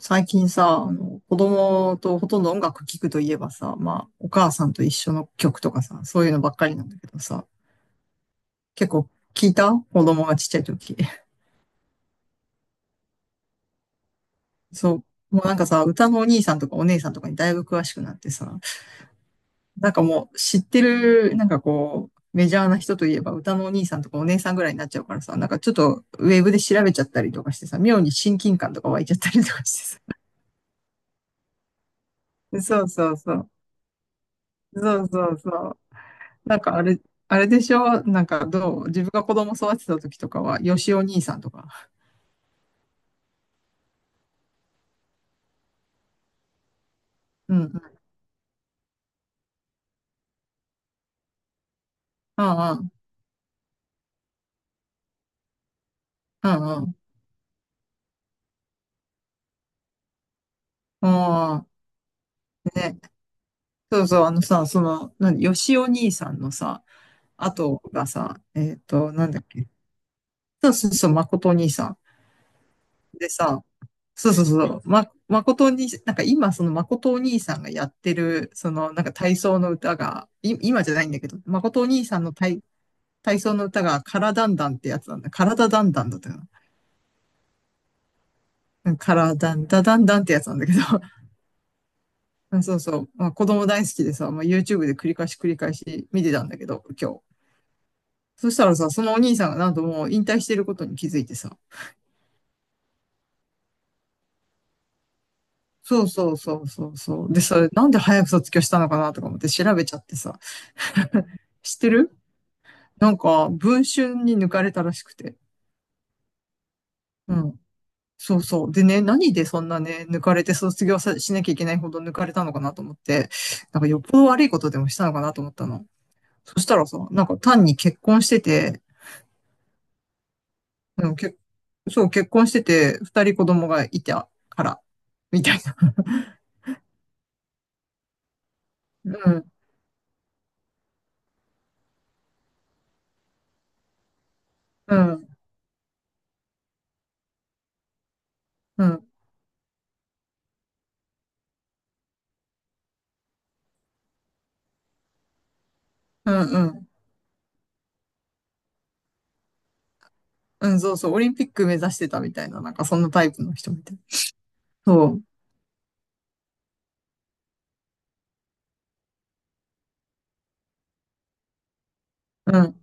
最近さ、子供とほとんど音楽聴くといえばさ、まあ、お母さんと一緒の曲とかさ、そういうのばっかりなんだけどさ、結構聞いた子供がちっちゃい時。そう。もうなんかさ、歌のお兄さんとかお姉さんとかにだいぶ詳しくなってさ、なんかもう知ってる、なんかこう、メジャーな人といえば歌のお兄さんとかお姉さんぐらいになっちゃうからさ、なんかちょっとウェブで調べちゃったりとかしてさ、妙に親近感とか湧いちゃったりとかしてさ。そうそうそう。そうそうそう。なんかあれ、あれでしょなんかどう自分が子供育てた時とかは、よしお兄さんとか。うんうん。うんうん。うんうん。ああ、ね。そうそう、あのさ、その、何、よしお兄さんのさ、後がさ、なんだっけ？そうそうそう、誠お兄さん。でさ、そうそうそう、ま、誠お兄さん、なんか今、その誠お兄さんがやってる、その、なんか体操の歌が、今じゃないんだけど、誠お兄さんの体操の歌が、からだんだんってやつなんだ。からだだんだんだったよ。うんからだんだだんだんってやつなんだけど、うんそうそう、まあ、子供大好きでさ、まあ、YouTube で繰り返し繰り返し見てたんだけど、今日。そしたらさ、そのお兄さんがなんともう引退してることに気づいてさ、そうそうそうそうそう。で、それなんで早く卒業したのかなとか思って調べちゃってさ、知ってる？なんか、文春に抜かれたらしくて。うん。そうそう。でね、何でそんなね、抜かれて卒業さしなきゃいけないほど抜かれたのかなと思って、なんかよっぽど悪いことでもしたのかなと思ったの。そしたらさ、なんか単に結婚してて、うん、そう、結婚してて、二人子供がいたから、みたいな。うん、うん、うん、うん、うん、うんそうそう、オリンピック目指してたみたいな、なんかそんなタイプの人みたいな。そう、うん、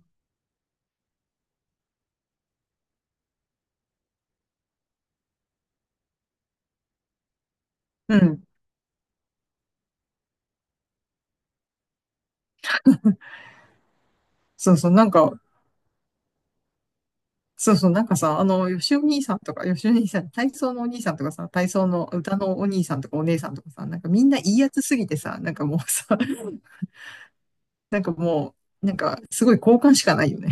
うん、そうそう、なんか、そうそう、なんかさ、あの、よしお兄さんとか、よしお兄さん、体操のお兄さんとかさ、体操の歌のお兄さんとかお姉さんとかさ、なんかみんないいやつすぎてさ、なんかもうさ、なんかもう、なんかすごい好感しかないよね。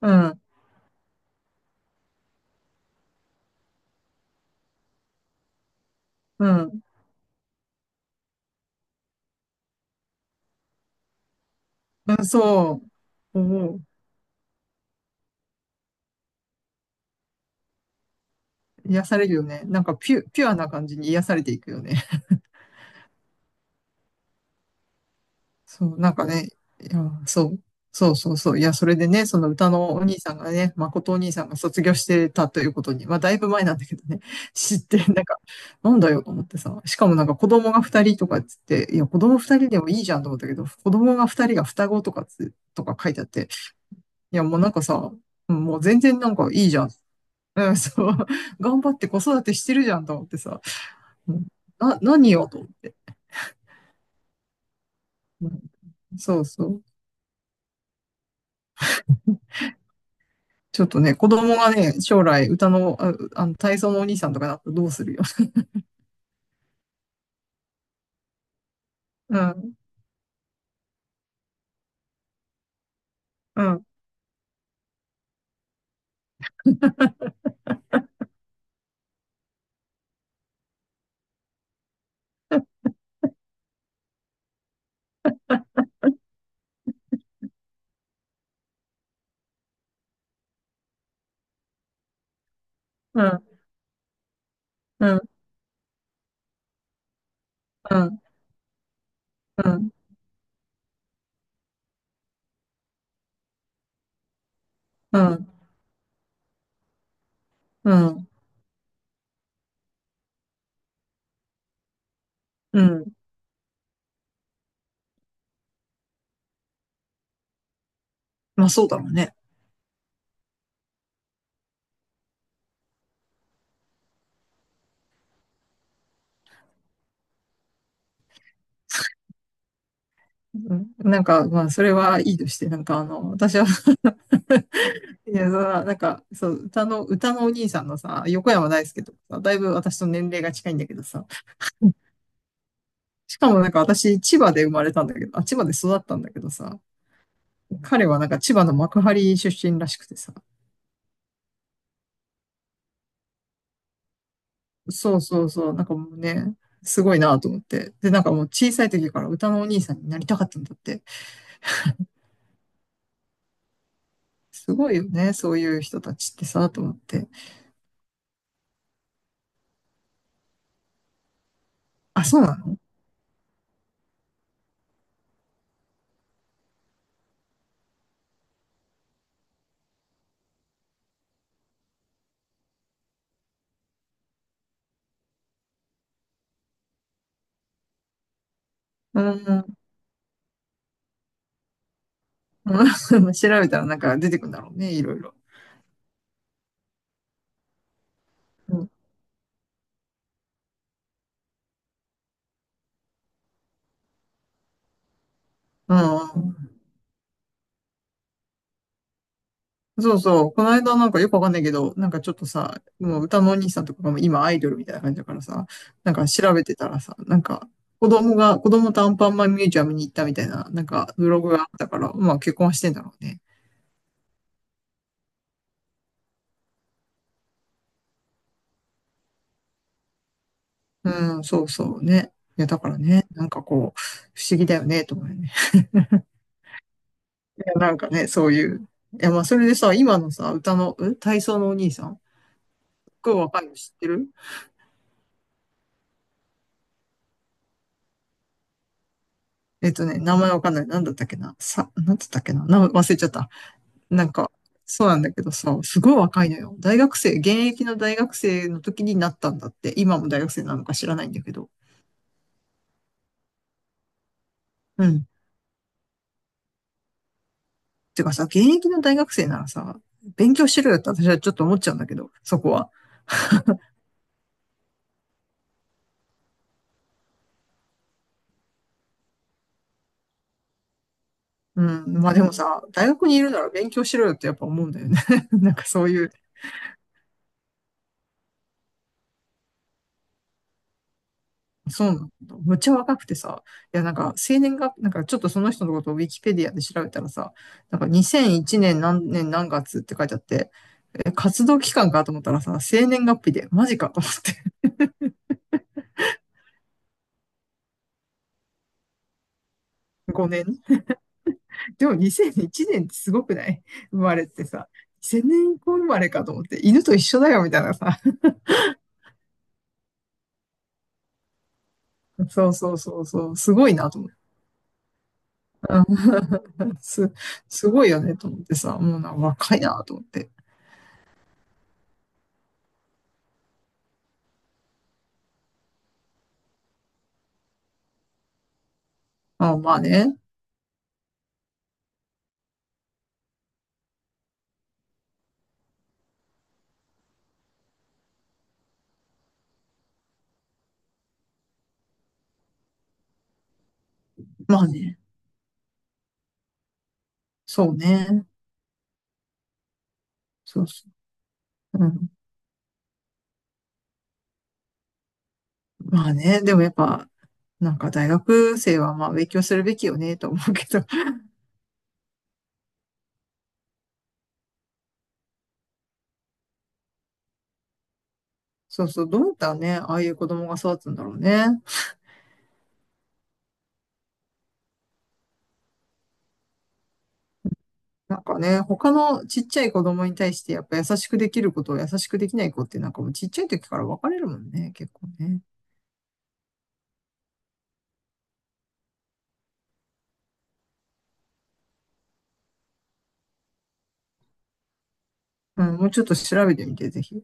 うん、うん。うん、そう。おう。癒されるよね。なんかピュアな感じに癒されていくよね。そう、なんかね、いや、そう。そうそうそう。いや、それでね、その歌のお兄さんがね、誠お兄さんが卒業してたということに、まあ、だいぶ前なんだけどね、知って、なんか、なんだよと思ってさ、しかもなんか子供が二人とかっつって、いや、子供二人でもいいじゃんと思ったけど、子供が二人が双子とかとか書いてあって、いや、もうなんかさ、うんもう全然なんかいいじゃん。うん、そう。頑張って子育てしてるじゃんと思ってさ、うん何をと思って。うんそうそう。ちょっとね、子供がね、将来歌の、あ、あの、体操のお兄さんとかだとどうするよ。うん、うん、うん、うん、うん、うん、うん、うん、うんまあそうだろうね。うんなんか、まあそれはいいとして、なんかあの、私は いや、そらなんか、そう、歌の、歌のお兄さんのさ、横山大輔とかさ、だいぶ私と年齢が近いんだけどさ、しかもなんか私、千葉で生まれたんだけど、あ、千葉で育ったんだけどさ、彼はなんか千葉の幕張出身らしくてさ。そうそうそう。なんかもうね、すごいなと思って。で、なんかもう小さい時から歌のお兄さんになりたかったんだって。すごいよね。そういう人たちってさ、と思って。あ、そうなの？うん。うん 調べたらなんか出てくるんだろうね。いろいろ。うん。うん。そうそう。この間なんかよくわかんないけど、なんかちょっとさ、もう歌のお兄さんとかがもう今アイドルみたいな感じだからさ、なんか調べてたらさ、なんか子供が、子供とアンパンマンミュージアムに行ったみたいな、なんかブログがあったから、まあ結婚はしてんだろうね。うん、そうそうね。いや、だからね、なんかこう、不思議だよね、と思うよね。いや、なんかね、そういう。いや、まあそれでさ、今のさ、歌の、体操のお兄さん、すっごい若いの知ってる？えっとね、名前わかんない。なんだったっけな。さ、なんだったっけな。名前忘れちゃった。なんか、そうなんだけどさ、すごい若いのよ。大学生、現役の大学生の時になったんだって。今も大学生なのか知らないんだけど。うん。てかさ、現役の大学生ならさ、勉強しろよって私はちょっと思っちゃうんだけど、そこは。うん。まあでもさ、大学にいるなら勉強しろよってやっぱ思うんだよね。なんかそういうそうなんだ。むっちゃ若くてさ、いやなんか生年が、なんかちょっとその人のことをウィキペディアで調べたらさ、なんか2001年何年何月って書いてあって、え、活動期間かと思ったらさ、生年月日で、マジかと思って、5年。でも2001年ってすごくない？生まれってさ、2000年以降生まれかと思って、犬と一緒だよみたいなさ、そうそうそうそう、すごいなと思って。うん すごいよねと思ってさ、もうなんか若いなと思って。あ、まあね。まあね。そうね。そうそう。うん。まあね、でもやっぱ、なんか大学生はまあ勉強するべきよね、と思うけど。そうそう、どうやったらね、ああいう子供が育つんだろうね。なんかね、他のちっちゃい子供に対してやっぱ優しくできることを優しくできない子ってなんかもうちっちゃい時から分かれるもんね、結構ね。うん、もうちょっと調べてみて、ぜひ。